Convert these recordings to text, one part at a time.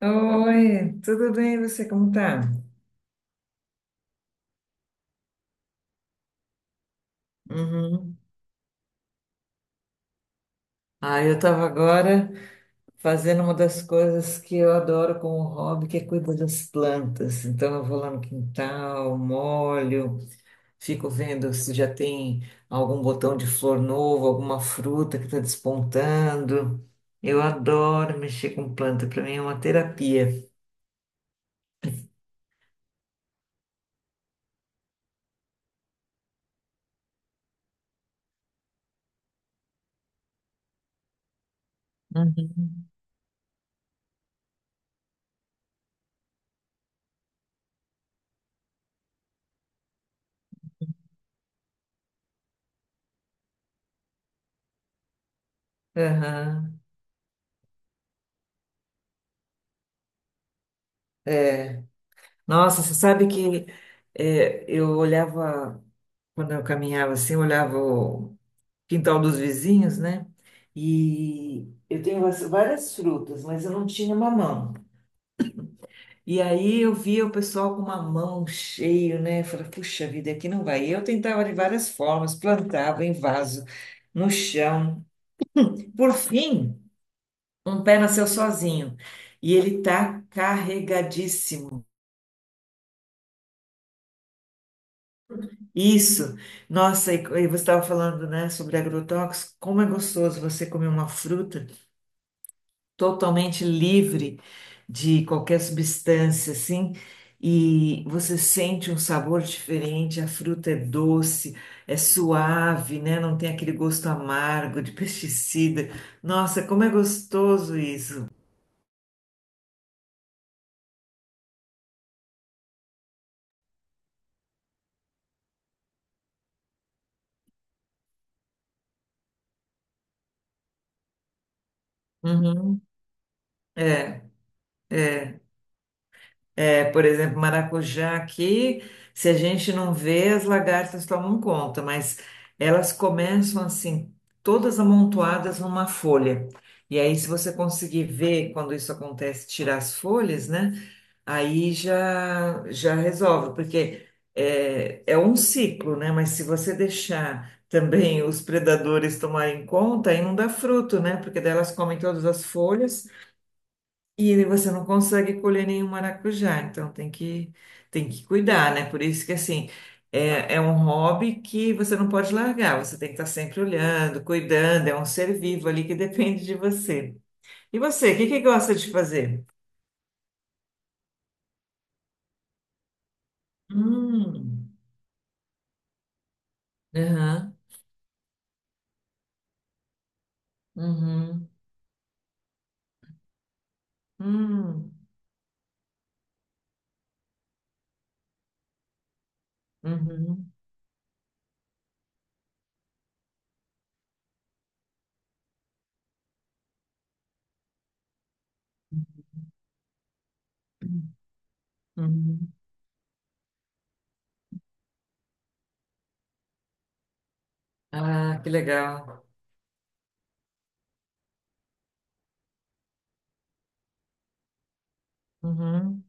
Oi, tudo bem? E você, como tá? Uhum. Ah, eu estava agora fazendo uma das coisas que eu adoro como hobby, que é cuidar das plantas. Então, eu vou lá no quintal, molho, fico vendo se já tem algum botão de flor novo, alguma fruta que está despontando. Eu adoro mexer com planta, para mim é uma terapia. Uhum. Aham. Nossa, você sabe que eu olhava. Quando eu caminhava assim, eu olhava o quintal dos vizinhos, né? E eu tenho várias frutas, mas eu não tinha mamão. E aí eu via o pessoal com mamão cheio, né? Eu falei, puxa vida, aqui não vai. E eu tentava de várias formas, plantava em vaso, no chão. Por fim, um pé nasceu sozinho. E ele tá carregadíssimo. Isso. Nossa, e você estava falando, né, sobre agrotóxicos. Como é gostoso você comer uma fruta totalmente livre de qualquer substância, assim, e você sente um sabor diferente, a fruta é doce, é suave, né? Não tem aquele gosto amargo de pesticida. Nossa, como é gostoso isso. Uhum. É. É, por exemplo, maracujá aqui, se a gente não vê, as lagartas tomam conta, mas elas começam assim, todas amontoadas numa folha. E aí, se você conseguir ver quando isso acontece, tirar as folhas, né? Aí já resolve, porque é um ciclo, né? Mas se você deixar também os predadores tomarem conta, aí não dá fruto, né? Porque daí elas comem todas as folhas. E você não consegue colher nenhum maracujá, então tem que cuidar, né? Por isso que, assim, é um hobby que você não pode largar, você tem que estar sempre olhando, cuidando, é um ser vivo ali que depende de você. E você, o que que gosta de fazer? Hum, aham, uhum, hum, uhum, uhum. Ah, que legal. Uhum,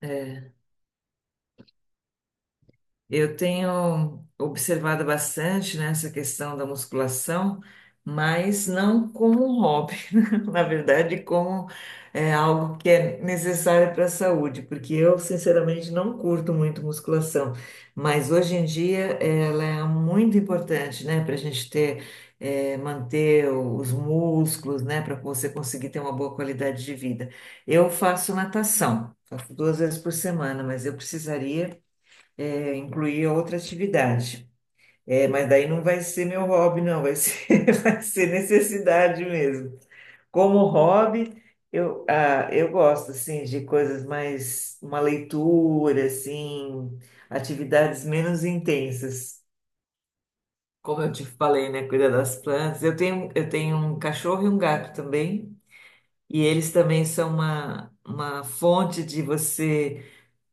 é. Eu tenho observado bastante, né, essa questão da musculação, mas não como um hobby, na verdade, como é, algo que é necessário para a saúde, porque eu, sinceramente, não curto muito musculação, mas hoje em dia ela é muito importante, né, para a gente ter, é, manter os músculos, né, para você conseguir ter uma boa qualidade de vida. Eu faço natação, faço duas vezes por semana, mas eu precisaria incluir outra atividade. É, mas daí não vai ser meu hobby, não, vai ser, vai ser necessidade mesmo. Como hobby, eu, ah, eu gosto, assim, de coisas mais, uma leitura, assim, atividades menos intensas. Como eu te falei, né, cuidar das plantas. Eu tenho um cachorro e um gato também, e eles também são uma fonte de você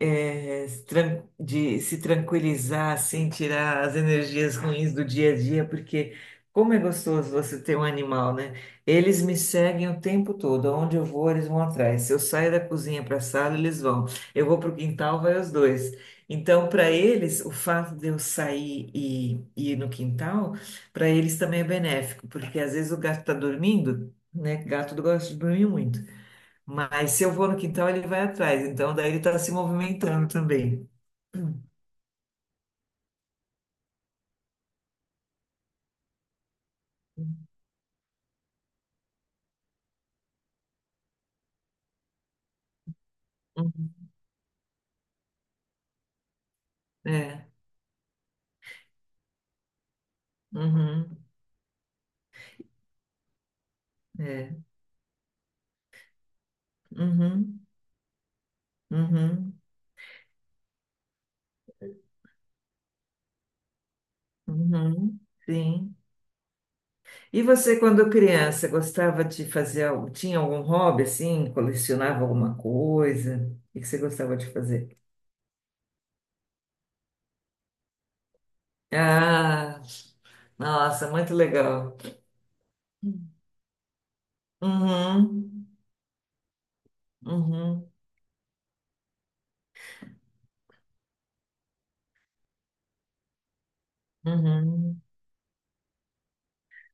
é, se tran- de se tranquilizar, assim, tirar as energias ruins do dia a dia, porque como é gostoso você ter um animal, né? Eles me seguem o tempo todo, aonde eu vou, eles vão atrás. Se eu saio da cozinha para a sala, eles vão. Eu vou para o quintal, vai os dois. Então, para eles, o fato de eu sair e ir no quintal, para eles também é benéfico, porque às vezes o gato está dormindo, né? Gato gosta de dormir muito. Mas se eu vou no quintal, ele vai atrás. Então, daí ele está se movimentando também. Uhum. É. Uhum. É. Uhum. Uhum. Uhum. Sim. E você, quando criança, gostava de fazer algo? Tinha algum hobby assim? Colecionava alguma coisa? O que você gostava de fazer? Ah, nossa, muito legal. Uhum. Uhum. Uhum.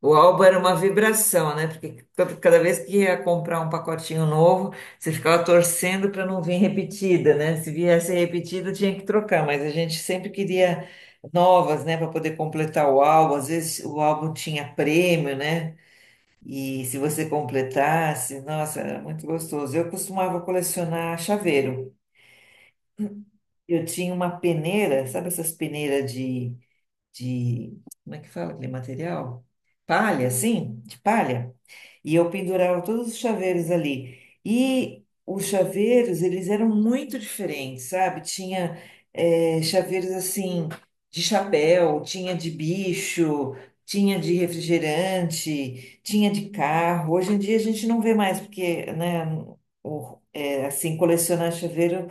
O álbum era uma vibração, né? Porque cada vez que ia comprar um pacotinho novo, você ficava torcendo para não vir repetida, né? Se viesse repetida, tinha que trocar, mas a gente sempre queria novas, né, para poder completar o álbum. Às vezes o álbum tinha prêmio, né? E se você completasse, nossa, era muito gostoso. Eu costumava colecionar chaveiro. Eu tinha uma peneira, sabe essas peneiras de, como é que fala aquele material? Palha, assim, de palha. E eu pendurava todos os chaveiros ali. E os chaveiros, eles eram muito diferentes, sabe? Tinha chaveiros assim, de chapéu, tinha de bicho, tinha de refrigerante, tinha de carro. Hoje em dia a gente não vê mais, porque, né, assim, colecionar chaveiro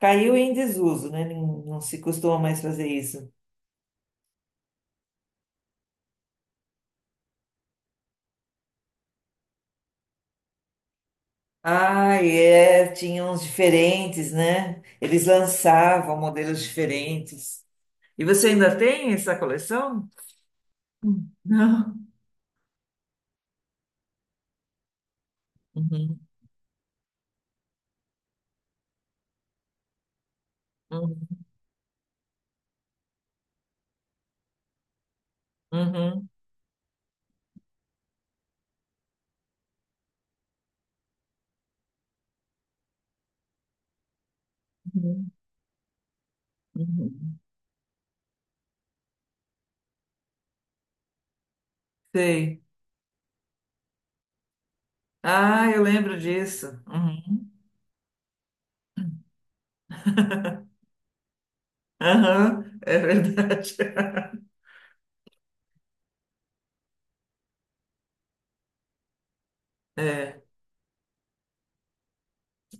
caiu em desuso, né? Não, não se costuma mais fazer isso. Ah, é, tinha uns diferentes, né? Eles lançavam modelos diferentes. E você ainda tem essa coleção? Hum. Não. Uhum, uhum, uhum, uhum, uhum. Sei. Ah, eu lembro disso. Uhum. Aham, é verdade.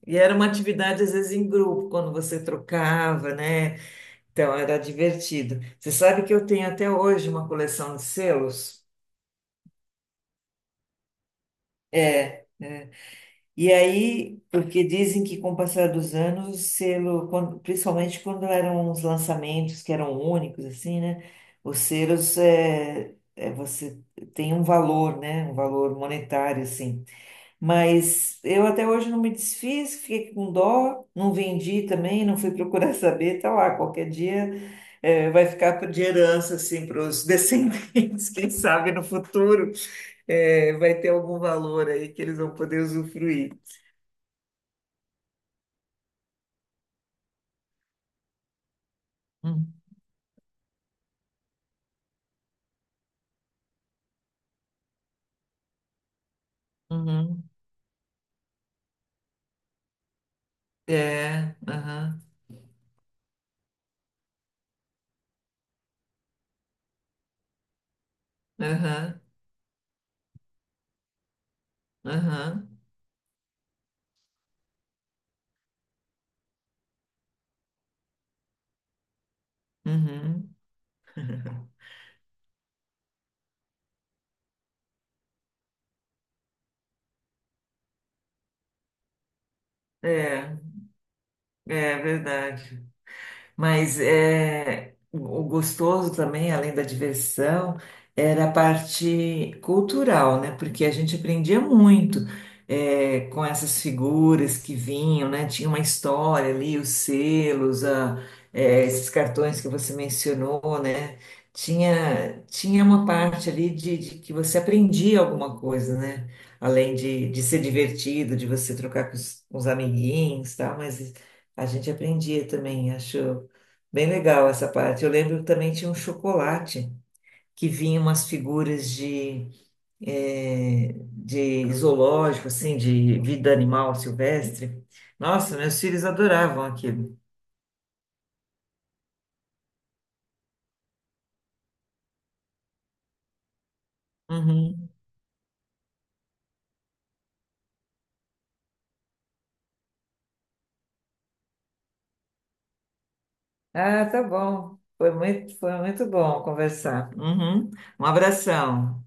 E era uma atividade, às vezes, em grupo, quando você trocava, né? Então, era divertido. Você sabe que eu tenho até hoje uma coleção de selos? É. E aí, porque dizem que com o passar dos anos, o selo, quando- principalmente quando eram uns lançamentos que eram únicos, assim, né? Os selos, você tem um valor, né? Um valor monetário, assim. Mas eu até hoje não me desfiz, fiquei com dó, não vendi também, não fui procurar saber, tá lá, qualquer dia, é, vai ficar de herança, assim, para os descendentes, quem sabe no futuro, é, vai ter algum valor aí que eles vão poder usufruir. Hum. Uhum. É, aham, aham, aham, uhum. É, é verdade. Mas é, o gostoso também, além da diversão, era a parte cultural, né? Porque a gente aprendia muito é, com essas figuras que vinham, né? Tinha uma história ali, os selos, esses cartões que você mencionou, né? Tinha, tinha uma parte ali de que você aprendia alguma coisa, né? Além de ser divertido, de você trocar com os amiguinhos, e tal, mas a gente aprendia também, acho. Bem legal essa parte. Eu lembro que também tinha um chocolate que vinha umas figuras de, de zoológico, assim, de vida animal silvestre. Nossa, meus filhos adoravam aquilo. Uhum. Ah, tá bom. Foi muito bom conversar. Uhum. Um abração.